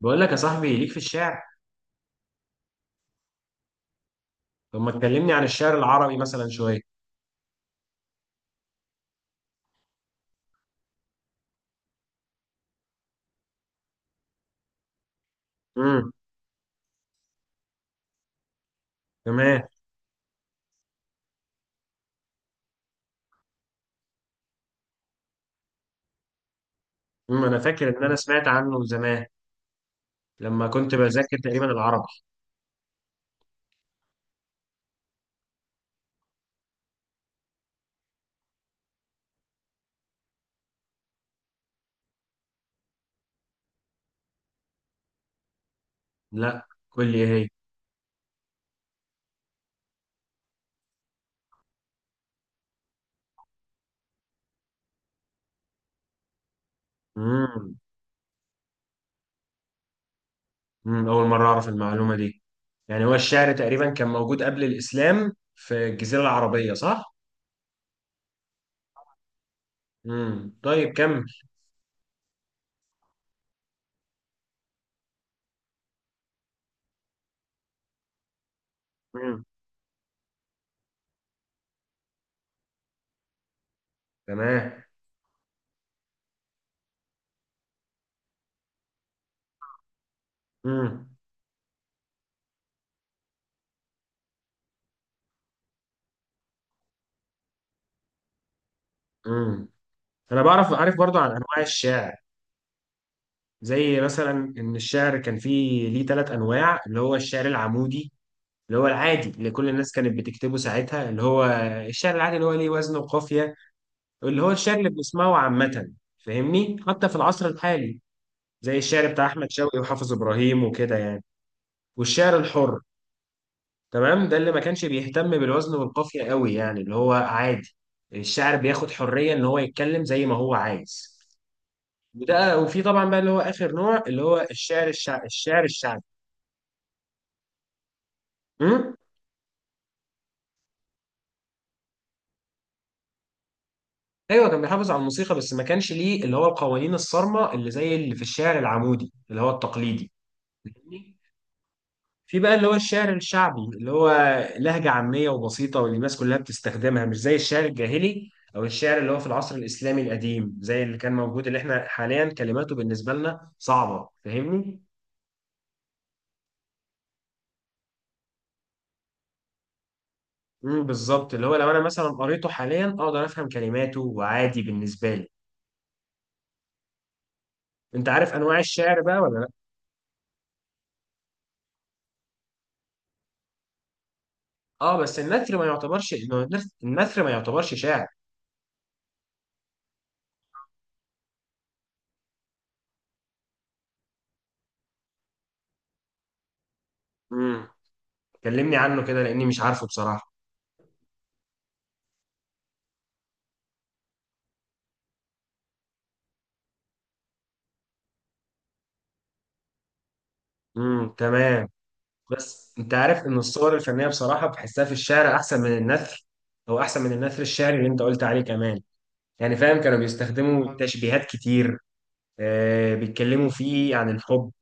بقول لك يا صاحبي ليك في الشعر. طب ما تكلمني عن الشعر العربي مثلا شويه. امم تمام. انا فاكر ان انا سمعت عنه زمان لما كنت بذاكر تقريبا العربي. لا، قول لي ايه هي. امم اول مره اعرف المعلومه دي. يعني هو الشعر تقريبا كان موجود قبل الاسلام في الجزيره العربيه، صح؟ طيب، كمل. امم تمام. امم امم انا عارف برضو عن انواع الشعر. زي مثلا ان الشعر كان فيه ليه ثلاث انواع، اللي هو الشعر العمودي، اللي هو العادي اللي كل الناس كانت بتكتبه ساعتها، اللي هو الشعر العادي اللي هو ليه وزن وقافية، اللي هو الشعر اللي بنسمعه عامة، فاهمني، حتى في العصر الحالي، زي الشعر بتاع أحمد شوقي وحافظ إبراهيم وكده يعني. والشعر الحر، تمام، ده اللي ما كانش بيهتم بالوزن والقافية قوي، يعني اللي هو عادي، الشاعر بياخد حرية إن هو يتكلم زي ما هو عايز. وده وفي طبعا بقى اللي هو آخر نوع اللي هو الشعر الشعبي. ايوه، كان بيحافظ على الموسيقى بس ما كانش ليه اللي هو القوانين الصارمه اللي زي اللي في الشعر العمودي اللي هو التقليدي. فاهمني؟ في بقى اللي هو الشعر الشعبي، اللي هو لهجه عاميه وبسيطه، واللي الناس كلها بتستخدمها، مش زي الشعر الجاهلي او الشعر اللي هو في العصر الاسلامي القديم، زي اللي كان موجود، اللي احنا حاليا كلماته بالنسبه لنا صعبه. فاهمني؟ بالظبط، اللي هو لو انا مثلا قريته حاليا اقدر افهم كلماته وعادي بالنسبه لي. انت عارف انواع الشعر بقى ولا لا؟ اه، بس النثر ما يعتبرش إنه، النثر ما يعتبرش شعر. امم كلمني عنه كده لاني مش عارفه بصراحه. تمام. بس انت عارف ان الصور الفنيه بصراحه بحسها في الشعر احسن من النثر، او احسن من النثر الشعري اللي انت قلت عليه كمان. يعني فاهم، كانوا بيستخدموا تشبيهات كتير. بيتكلموا فيه عن الحب،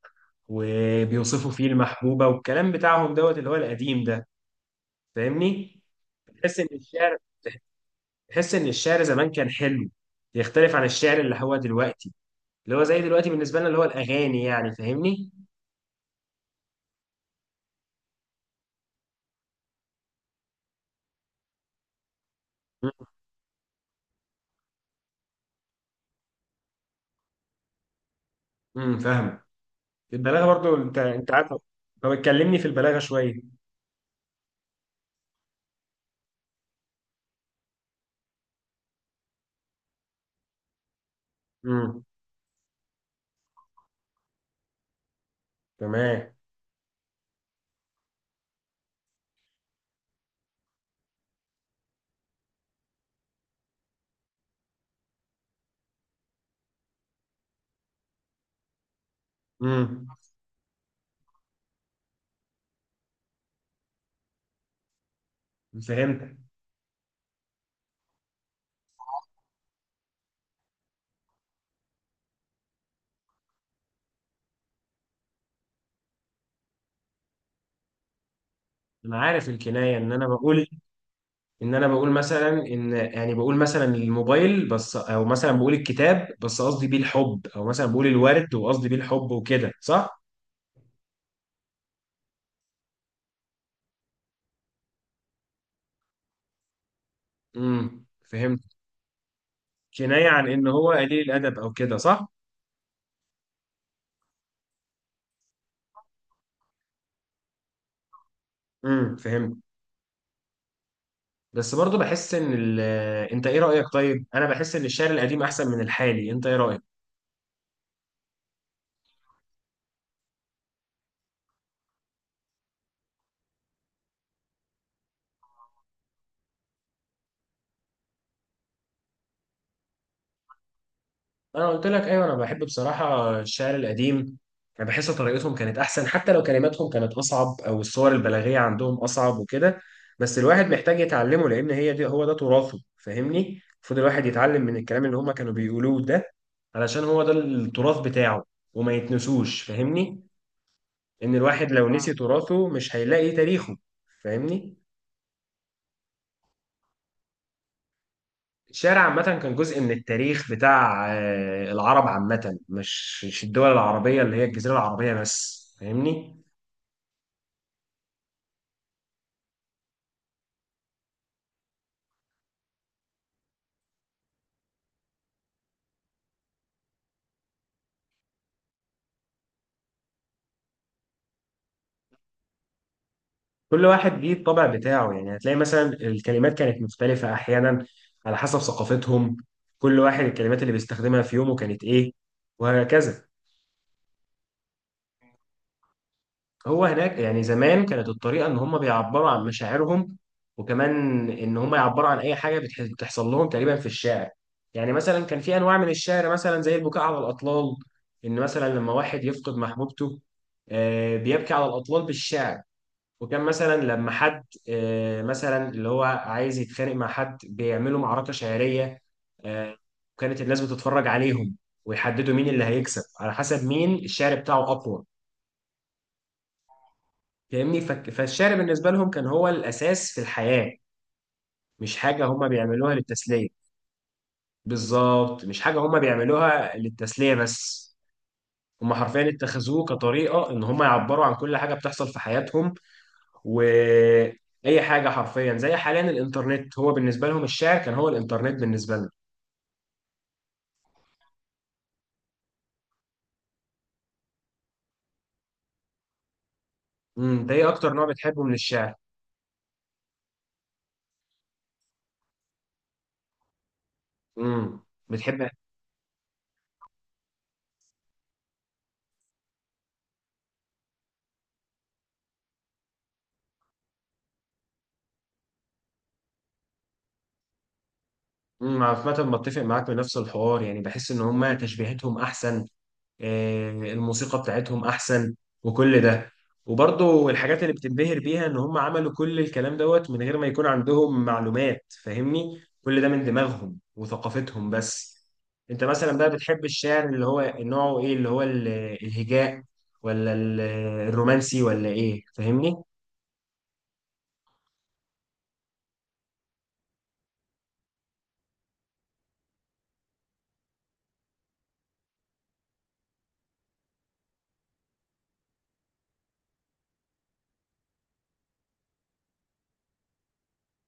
وبيوصفوا فيه المحبوبه والكلام بتاعهم دوت اللي هو القديم ده. فاهمني؟ تحس ان الشعر تحس ان الشعر زمان كان حلو، يختلف عن الشعر اللي هو دلوقتي، اللي هو زي دلوقتي بالنسبه لنا اللي هو الاغاني، يعني فاهمني. فاهم. البلاغه برضو، انت عارف. طب اتكلمني في البلاغه شويه. امم تمام. امم فهمت. انا عارف الكنايه، ان انا بقول، ان انا بقول مثلا ان، يعني بقول مثلا الموبايل بس، او مثلا بقول الكتاب بس قصدي بيه الحب، او مثلا بقول الورد وقصدي بيه الحب، وكده صح؟ فهمت. كنايه عن ان هو قليل الادب او كده، صح؟ فهمت، بس برضو بحس ان ال... انت ايه رايك؟ طيب، انا بحس ان الشعر القديم احسن من الحالي، انت ايه رايك؟ انا قلت لك ايوه، انا بحب بصراحه الشعر القديم. انا بحس طريقتهم كانت احسن، حتى لو كلماتهم كانت اصعب او الصور البلاغيه عندهم اصعب وكده، بس الواحد محتاج يتعلمه لان هي دي هو ده تراثه. فاهمني؟ المفروض الواحد يتعلم من الكلام اللي هما كانوا بيقولوه ده علشان هو ده التراث بتاعه، وما يتنسوش. فاهمني؟ ان الواحد لو نسي تراثه مش هيلاقي تاريخه. فاهمني؟ الشارع عامة كان جزء من التاريخ بتاع العرب عامة، مش مش الدول العربية اللي هي الجزيرة العربية بس. فاهمني؟ كل واحد ليه الطبع بتاعه، يعني هتلاقي مثلا الكلمات كانت مختلفة أحيانا على حسب ثقافتهم، كل واحد الكلمات اللي بيستخدمها في يومه كانت إيه، وهكذا. هو هناك يعني زمان كانت الطريقة إن هم بيعبروا عن مشاعرهم، وكمان إن هم يعبروا عن أي حاجة بتحصل لهم تقريبا في الشعر. يعني مثلا كان في أنواع من الشعر، مثلا زي البكاء على الأطلال، إن مثلا لما واحد يفقد محبوبته، بيبكي على الأطلال بالشعر. وكان مثلا لما حد مثلا اللي هو عايز يتخانق مع حد بيعملوا معركة شعرية، آه، وكانت الناس بتتفرج عليهم، ويحددوا مين اللي هيكسب على حسب مين الشعر بتاعه أقوى. فاهمني؟ فالشعر بالنسبة لهم كان هو الأساس في الحياة، مش حاجة هما بيعملوها للتسلية. بالظبط، مش حاجة هما بيعملوها للتسلية بس، هما حرفيا اتخذوه كطريقة إن هما يعبروا عن كل حاجة بتحصل في حياتهم، وأي حاجة حرفيا. زي حاليا الإنترنت، هو بالنسبة لهم الشعر كان هو الإنترنت بالنسبة لنا. أنت إيه أكتر نوع بتحبه من الشعر؟ امم بتحب. عامة بتفق معاك بنفس الحوار، يعني بحس إن هما تشبيهاتهم أحسن، الموسيقى بتاعتهم احسن، وكل ده، وبرضه الحاجات اللي بتنبهر بيها ان هم عملوا كل الكلام دوت من غير ما يكون عندهم معلومات. فاهمني؟ كل ده من دماغهم وثقافتهم بس. انت مثلا بقى بتحب الشعر اللي هو نوعه ايه، اللي هو الهجاء ولا الرومانسي، ولا ايه؟ فاهمني؟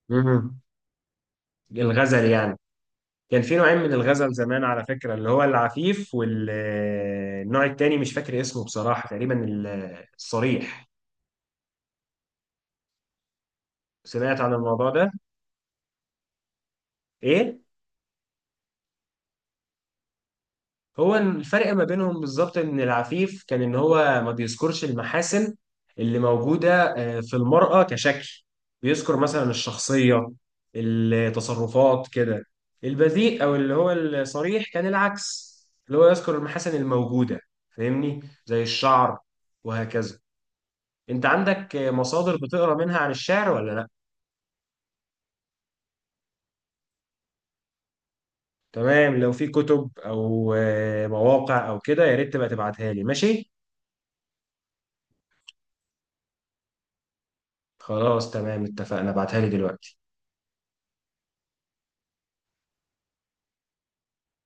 مم. الغزل يعني. كان في نوعين من الغزل زمان على فكرة، اللي هو العفيف والنوع التاني مش فاكر اسمه بصراحة، تقريبا الصريح. سمعت عن الموضوع ده. ايه هو الفرق ما بينهم بالظبط؟ ان العفيف كان ان هو ما بيذكرش المحاسن اللي موجودة في المرأة كشكل، بيذكر مثلا الشخصية، التصرفات كده. البذيء او اللي هو الصريح كان العكس، اللي هو يذكر المحاسن الموجودة. فاهمني؟ زي الشعر، وهكذا. انت عندك مصادر بتقرا منها عن الشعر ولا لا؟ تمام، لو في كتب او مواقع او كده يا ريت تبقى تبعتها لي، ماشي؟ خلاص، تمام، اتفقنا، ابعتها لي دلوقتي.